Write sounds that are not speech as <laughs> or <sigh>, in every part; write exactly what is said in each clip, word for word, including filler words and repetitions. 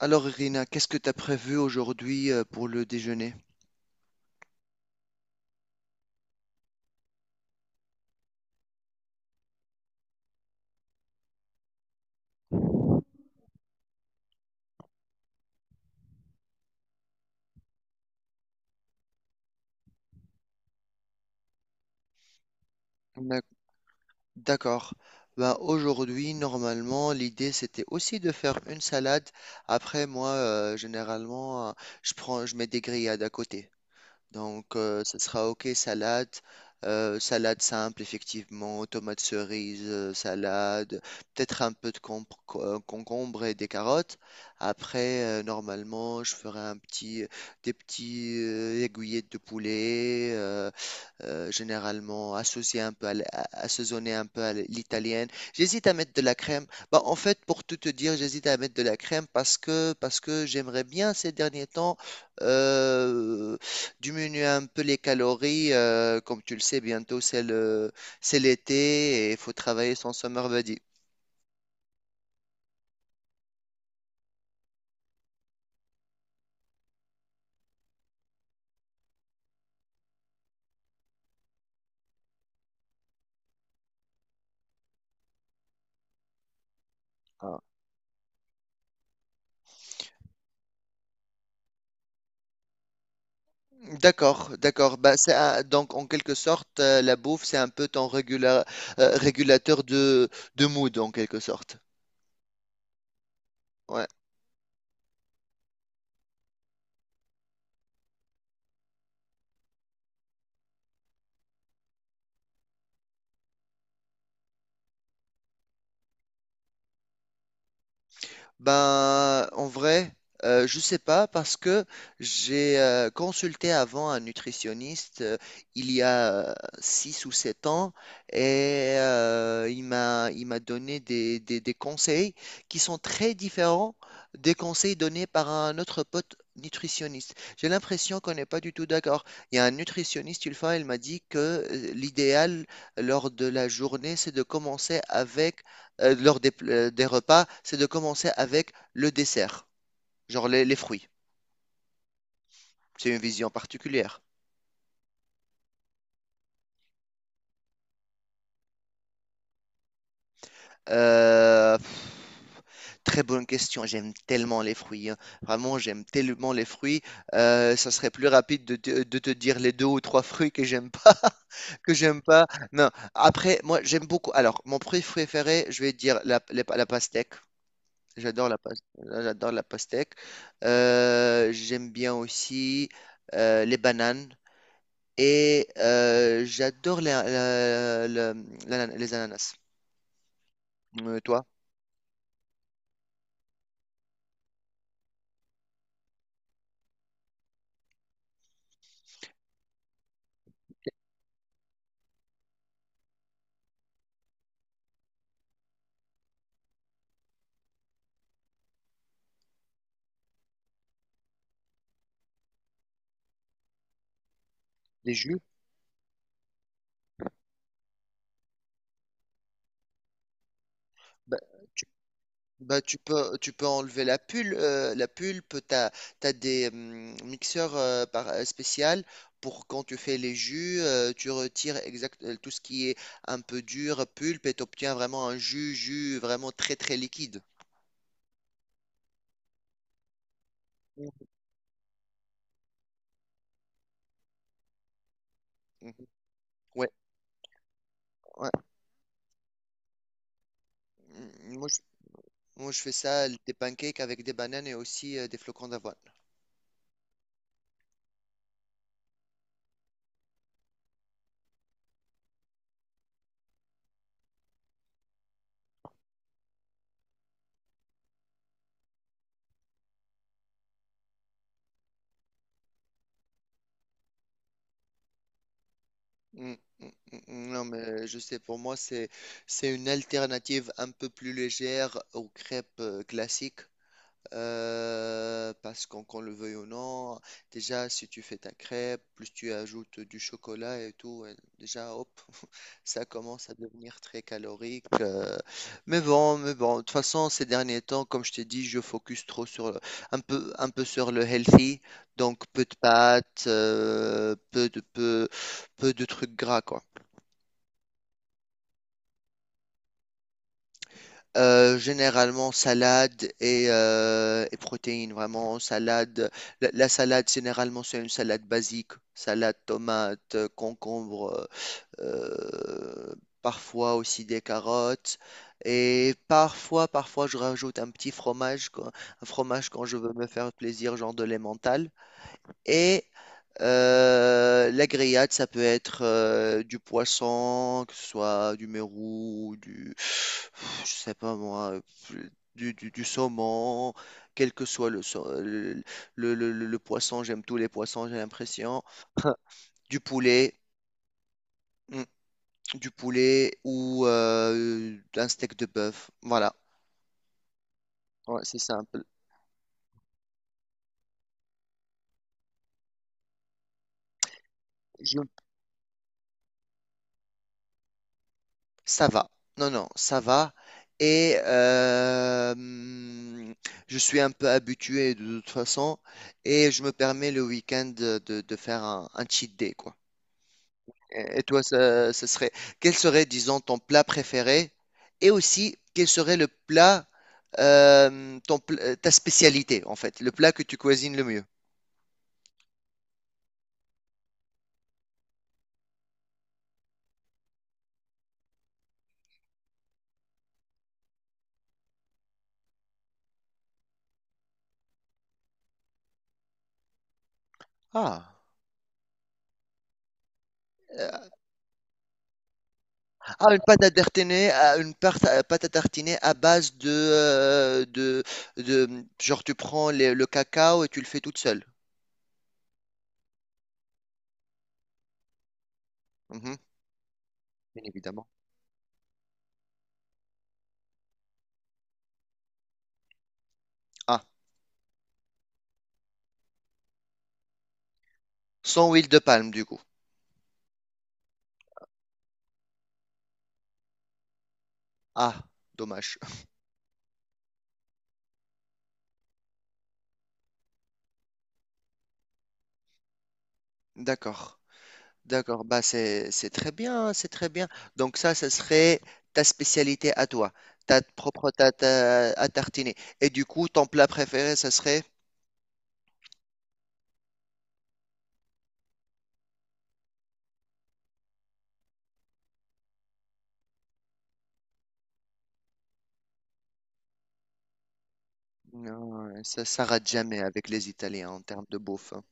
Alors, Irina, qu'est-ce que tu as prévu aujourd'hui euh, pour le déjeuner? D'ac- D'accord. Ben aujourd'hui, normalement, l'idée c'était aussi de faire une salade. Après, moi, euh, généralement, euh, je prends, je mets des grillades à côté. Donc, euh, ce sera OK, salade, euh, salade simple, effectivement, tomates cerises, euh, salade, peut-être un peu de com- co- euh, concombre et des carottes. Après, euh, normalement, je ferai un petit, des petits euh, aiguillettes de poulet, euh, euh, généralement associé un peu à, l- à- assaisonné un peu à l'italienne. J'hésite à mettre de la crème. Bah, en fait, pour tout te dire, j'hésite à mettre de la crème parce que, parce que j'aimerais bien ces derniers temps euh, diminuer un peu les calories. Euh, comme tu le sais, bientôt c'est le, c'est l'été et il faut travailler son summer body. Ah. D'accord, d'accord. Bah, c'est un- donc en quelque sorte, euh, la bouffe, c'est un peu ton régula- euh, régulateur de, de mood en quelque sorte. Ouais. Ben, en vrai, euh, je sais pas parce que j'ai euh, consulté avant un nutritionniste euh, il y a euh, six ou sept ans et euh, il m'a il m'a donné des, des- des conseils qui sont très différents des conseils donnés par un autre pote nutritionniste. J'ai l'impression qu'on n'est pas du tout d'accord. Il y a un nutritionniste, une fois, il m'a dit que euh, l'idéal lors de la journée, c'est de commencer avec euh, lors des, euh, des repas, c'est de commencer avec le dessert, genre les, les fruits. C'est une vision particulière. Euh, pff, Très bonne question. J'aime tellement les fruits, hein. Vraiment, j'aime tellement les fruits. Euh, ça serait plus rapide de te, de te dire les deux ou trois fruits que j'aime pas, <laughs> que j'aime pas. Non. Après, moi, j'aime beaucoup. Alors, mon fruit préféré, je vais dire la, les- la pastèque. J'adore la, pas- J'adore la pastèque. Euh, j'aime bien aussi euh, les bananes. Et euh, j'adore les, la- la- la- les ananas. Euh, toi, les jus? Bah, tu, bah, tu peux, tu peux enlever la pulpe. Euh, la pulpe, t'as, t'as des hum, mixeurs euh, par, euh, spécial pour quand tu fais les jus, euh, tu retires exact, euh, tout ce qui est un peu dur, pulpe, et t'obtiens vraiment un jus, jus vraiment très très liquide. Mhm. Ouais, ouais. Mm, Moi, Moi, je fais ça, des pancakes avec des bananes et aussi euh, des flocons d'avoine. Mm, mm, mm, mm. Non, mais je sais, pour moi, c'est c'est une alternative un peu plus légère aux crêpes euh, classiques. Euh, parce qu'on qu'on le veuille ou non, déjà si tu fais ta crêpe, plus tu ajoutes du chocolat et tout, euh, déjà hop, <laughs> ça commence à devenir très calorique. euh. Mais bon, mais bon, de toute façon, ces derniers temps, comme je t'ai dit, je focus trop sur le- un peu, un peu sur le healthy, donc peu de pâtes, euh, peu de, peu, peu de trucs gras, quoi. Euh, généralement salade et, euh, et protéines, vraiment salade. La, la salade, généralement, c'est une salade basique. Salade, tomate, concombre, euh, parfois aussi des carottes. Et parfois, parfois, je rajoute un petit fromage, quand- un fromage quand je veux me faire plaisir, genre de l'emmental. Et euh, la grillade, ça peut être euh, du poisson, que ce soit du mérou, du, je sais pas moi, du, du- du saumon, quel que soit le, sau- le- le- le- le poisson, j'aime tous les poissons, j'ai l'impression. <laughs> Du poulet, mm, du poulet ou euh, un steak de bœuf. Voilà. Ouais, c'est simple. Ça va. Non, non, ça va. Et euh, hum, je suis un peu habitué de toute façon. Et je me permets le week-end de, de- de faire un, un cheat day, quoi. Et, et toi, ça- ce serait, quel serait, disons, ton plat préféré? Et aussi, quel serait le plat, euh, ton, pl- euh, ta spécialité, en fait, le plat que tu cuisines le mieux? Ah. Ah, une pâte à tartiner, à- une part- à- pâte à tartiner à base de, euh, de, de- genre tu prends les- le cacao et tu le fais toute seule. Mhm, bien évidemment. Ah, sans huile de palme du coup. Ah, dommage. <laughs> D'accord, d'accord. Bah c'est c'est très bien, hein, c'est très bien. Donc ça, ça serait ta spécialité à toi, ta propre tarte à à tartiner. Et du coup, ton plat préféré, ça serait? Non, ça, ça rate jamais avec les Italiens en termes de bouffe, hein.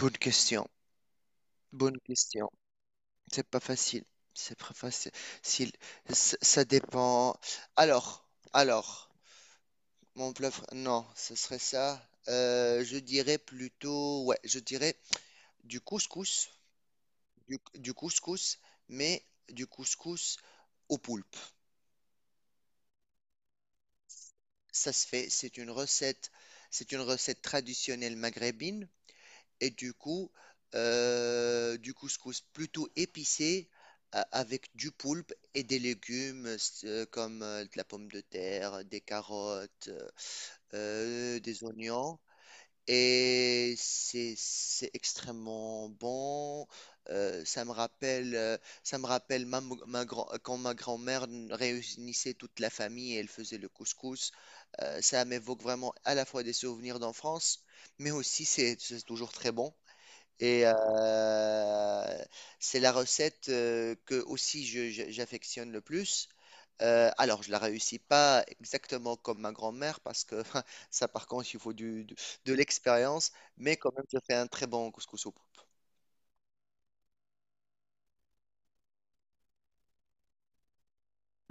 Bonne question, bonne question. C'est pas facile. C'est pas facile. S'il- Ça ça dépend. Alors, alors, mon plat, fr- non, ce serait ça. Euh, je dirais plutôt, ouais, je dirais du couscous, du, du couscous, mais du couscous au poulpe. Ça se fait. C'est une recette, c'est une recette traditionnelle maghrébine. Et du coup, euh, du couscous plutôt épicé euh, avec du poulpe et des légumes euh, comme euh, de la pomme de terre, des carottes, euh, euh, des oignons. Et c'est c'est extrêmement bon. Euh, ça me rappelle, euh, ça me rappelle ma- ma grand- quand ma grand-mère réunissait toute la famille et elle faisait le couscous. Euh, ça m'évoque vraiment à la fois des souvenirs d'enfance, mais aussi c'est c'est toujours très bon. Et euh, c'est la recette euh, que aussi je- je- j'affectionne le plus. Euh, alors, je la réussis pas exactement comme ma grand-mère parce que <laughs> ça, par contre, il faut du, du- de l'expérience, mais quand même, je fais un très bon couscous au poulpe.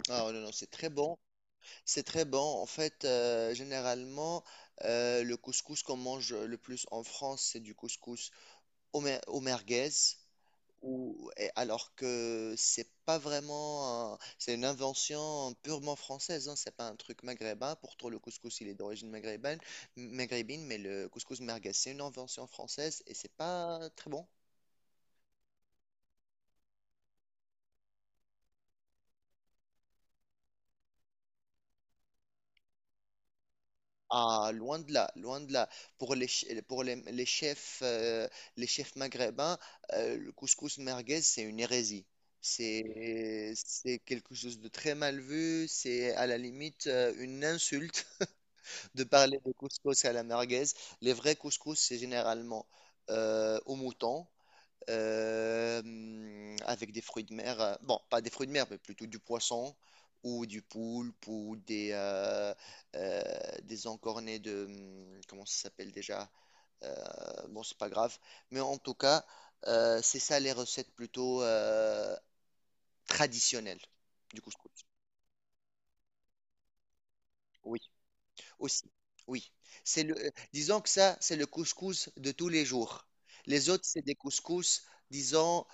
Ah oh, non, non, c'est très bon, c'est très bon. En fait, euh, généralement, euh, le couscous qu'on mange le plus en France, c'est du couscous au, mer- au merguez, ou, et alors que c'est pas vraiment, un- c'est une invention purement française, hein, c'est pas un truc maghrébin. Pourtant, le couscous, il est d'origine maghrébine, maghrébine, mais le couscous merguez, c'est une invention française et c'est pas très bon. Ah, loin de là, loin de là. Pour les, ch- pour les, les chefs, euh, les chefs maghrébins, euh, le couscous merguez, c'est une hérésie. C'est, c'est quelque chose de très mal vu, c'est à la limite euh, une insulte de parler de couscous à la merguez. Les vrais couscous, c'est généralement euh, au mouton, euh, hum, avec des fruits de mer. euh, Bon, pas des fruits de mer, mais plutôt du poisson ou du poulpe ou des, euh, euh, des encornets de... hum, Comment ça s'appelle déjà? Euh, bon, c'est pas grave. Mais en tout cas, euh, c'est ça les recettes plutôt euh, traditionnelles du couscous. Oui. Aussi, oui. C'est le, euh, disons que ça, c'est le couscous de tous les jours. Les autres, c'est des couscous, disons,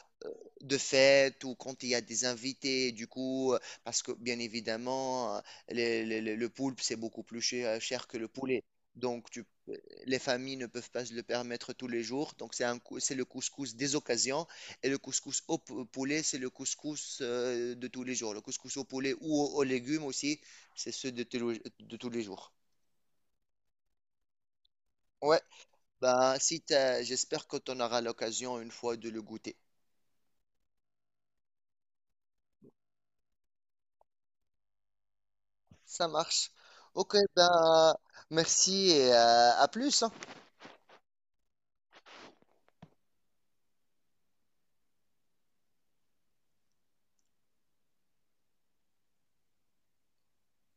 de fête ou quand il y a des invités, du coup, euh, parce que bien évidemment, euh, le, le- le- le poulpe, c'est beaucoup plus cher, euh, cher que le poulet. Donc, tu- euh, les familles ne peuvent pas se le permettre tous les jours. Donc, c'est un, cou- c'est le couscous des occasions. Et le couscous au pou- poulet, c'est le couscous euh, de tous les jours. Le couscous au poulet ou au- aux légumes aussi, c'est ceux de tous les de tous les jours. Ouais. Bah, si t'as- j'espère que tu en auras l'occasion une fois de le goûter. Ça marche. Ok, bah, merci et euh, à plus, hein.